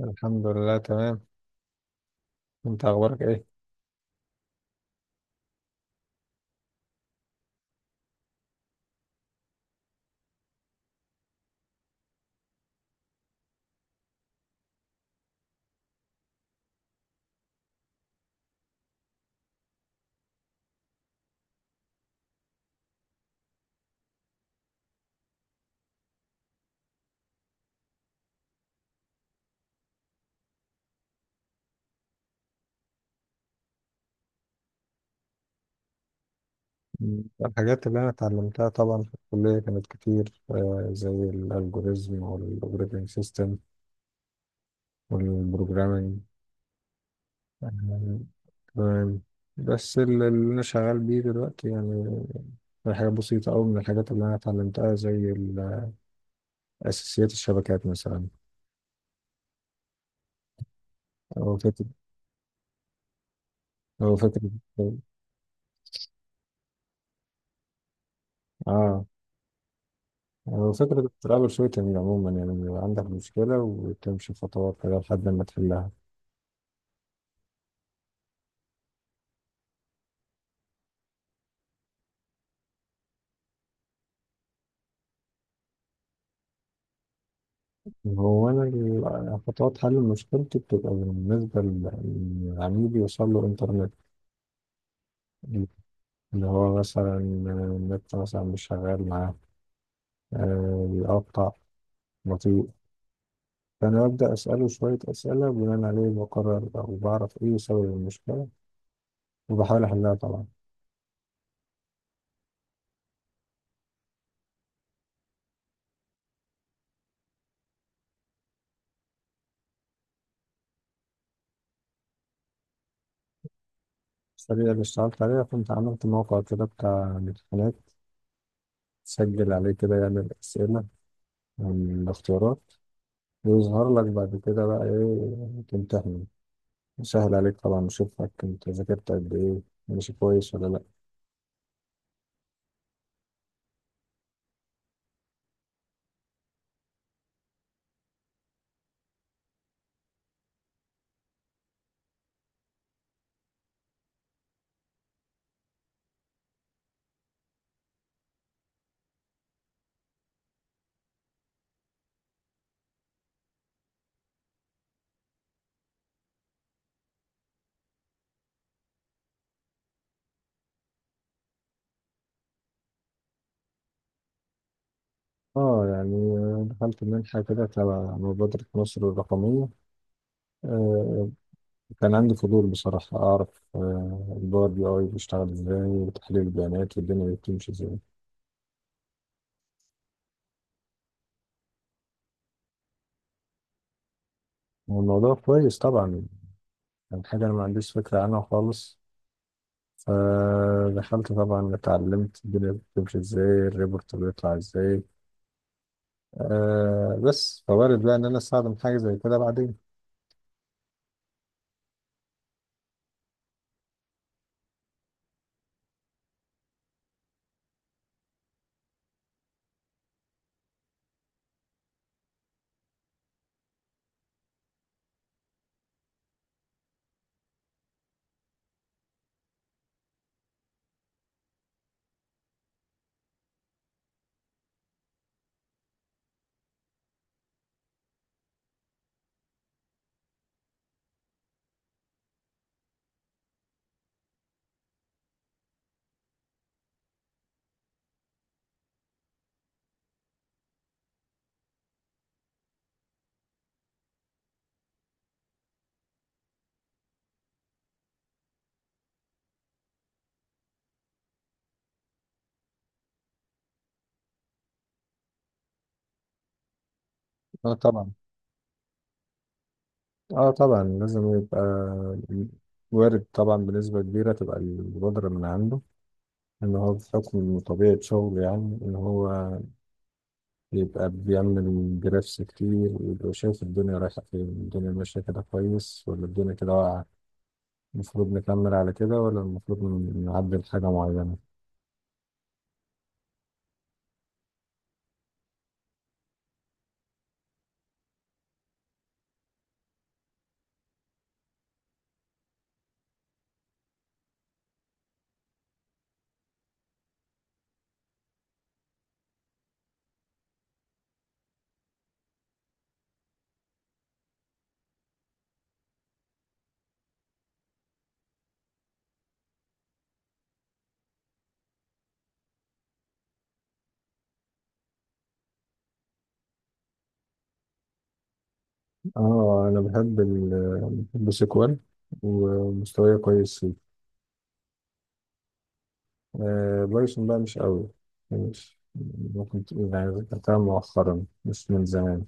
الحمد لله تمام. انت اخبارك ايه؟ الحاجات اللي انا اتعلمتها طبعا في الكليه كانت كتير، زي الالجوريزم والاوبريتنج سيستم والبروجرامينج. آه، تمام. بس اللي انا شغال بيه دلوقتي يعني حاجه بسيطه قوي من الحاجات اللي انا اتعلمتها زي اساسيات الشبكات مثلا، او فكره، او فكره اه او فكره الترابل شوتنج عموما، يعني بيبقى عندك مشكله وتمشي خطوات كده لحد ما تحلها. هو أنا خطوات حل مشكلتي بتبقى بالنسبة لعميل يوصل له إنترنت، اللي هو مثلا النت مثلا مش شغال معاه، بيقطع، بطيء. فأنا ببدأ أسأله شوية أسئلة، بناء عليه بقرر أو بعرف إيه سبب المشكلة وبحاول أحلها طبعا. الطريقة اللي اشتغلت عليها، كنت عملت موقع كده بتاع امتحانات، تسجل عليه كده يعمل أسئلة عن الاختيارات ويظهر لك بعد كده بقى إيه تمتحن، سهل عليك طبعا أشوفك أنت ذاكرت قد إيه، ماشي كويس ولا لأ. آه يعني دخلت منحة كده تبع مبادرة مصر الرقمية. آه، كان عندي فضول بصراحة أعرف آه الباور بي أي بيشتغل إزاي وتحليل البيانات والدنيا بتمشي إزاي. والموضوع كويس طبعا، كان حاجة أنا ما عنديش فكرة عنها خالص. فدخلت طبعا اتعلمت الدنيا بتمشي إزاي الريبورت بيطلع إزاي، آه بس فوارد بقى إن أنا أستخدم حاجة زي كده بعدين. اه طبعا. اه طبعا لازم يبقى وارد طبعا بنسبة كبيرة تبقى البودرة من عنده، إن هو بحكم طبيعة شغله يعني إن هو يبقى بيعمل جرافس كتير ويبقى شايف الدنيا رايحة فين، الدنيا ماشية كده كويس ولا الدنيا كده واقعة، المفروض نكمل على كده ولا المفروض نعدل حاجة معينة. اه أنا بحب سيكوال ومستواي كويس. آه، بايثون بقى مش قوي، مش، ممكن تقول يعني ذاكرتها مؤخرا مش من زمان.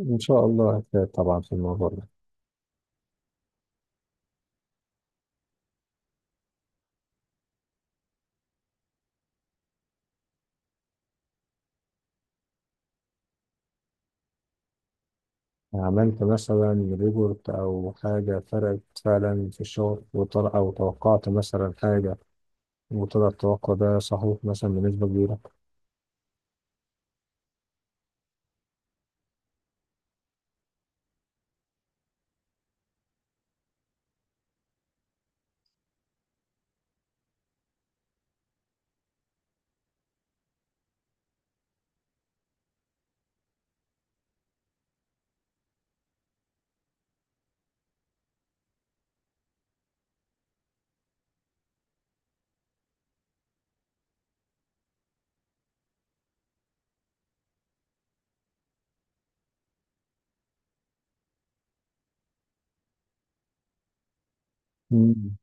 إن شاء الله هتفيد طبعا في الموضوع ده. عملت مثلا ريبورت أو حاجة فرقت فعلا في الشغل وطلع، أو توقعت مثلا حاجة وطلع التوقع ده صحيح مثلا بنسبة كبيرة. مم.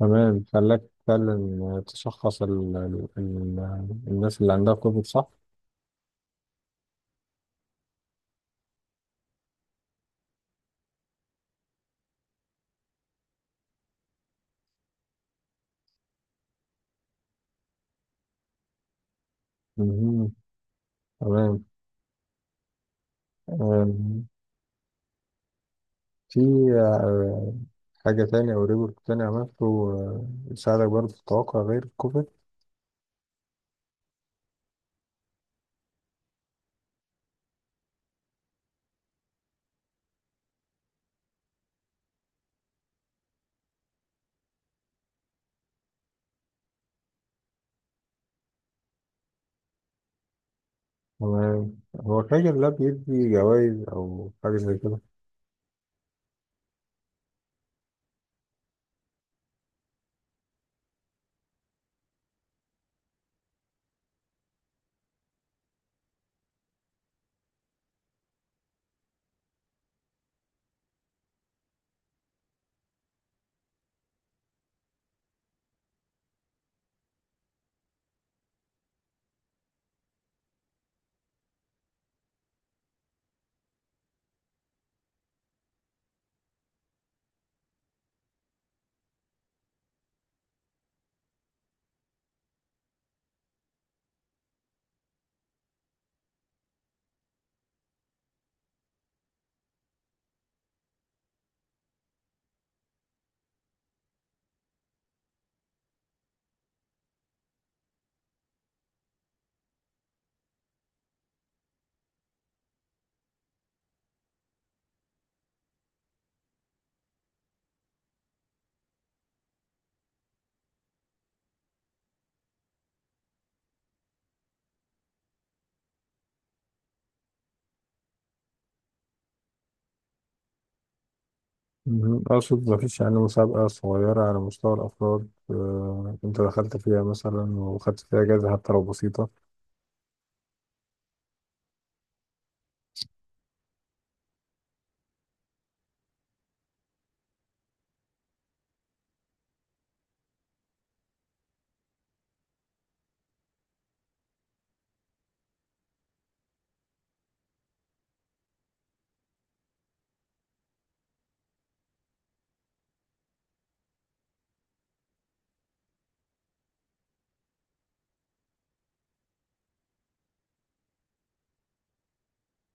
تمام خلاك فعلا تشخص ال الناس اللي عندها كوفيد صح؟ مهم. تمام. آه، في آه، حاجة تانية أو ريبورت تاني عملته، يساعدك برضه في التوقع غير الكوفيد؟ هو هو فاكر لا بيدي جوائز أو حاجة زي كده؟ مهم. أقصد مفيش يعني مسابقة صغيرة على مستوى الأفراد، أنت دخلت فيها مثلا وخدت فيها جايزة حتى لو بسيطة.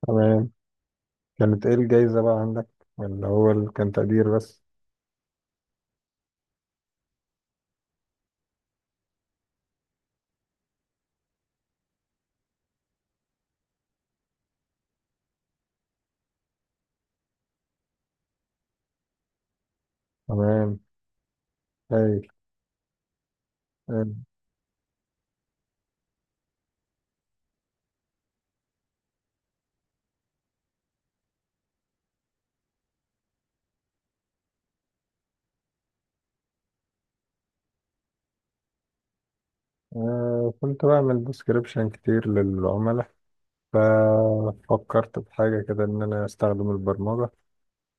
تمام. كانت إيه الجايزة بقى عندك، اللي هو اللي كان تقدير بس؟ تمام. هايل. آه، كنت بعمل ديسكريبشن كتير للعملاء، ففكرت في حاجة كده إن أنا أستخدم البرمجة،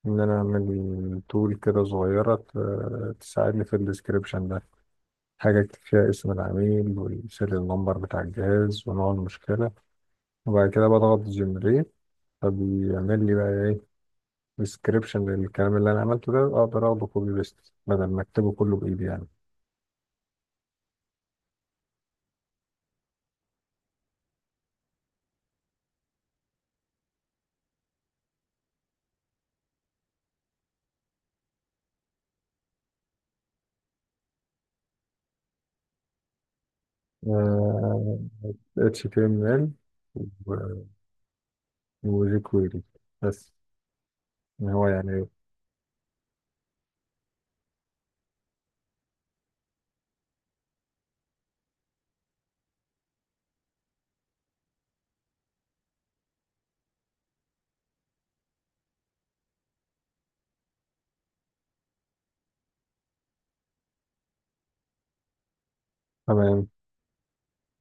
إن أنا أعمل تول كده صغيرة تساعدني في الديسكريبشن ده، حاجة أكتب فيها اسم العميل والسيريال نمبر بتاع الجهاز ونوع المشكلة، وبعد كده بضغط جنريت، فبيعمل لي بقى إيه، ديسكريبشن للكلام اللي أنا عملته ده أقدر أخده كوبي بيست بدل ما أكتبه كله بإيدي يعني. آه، HTML وجيك ويلي بس، يعني هو يعني، تمام.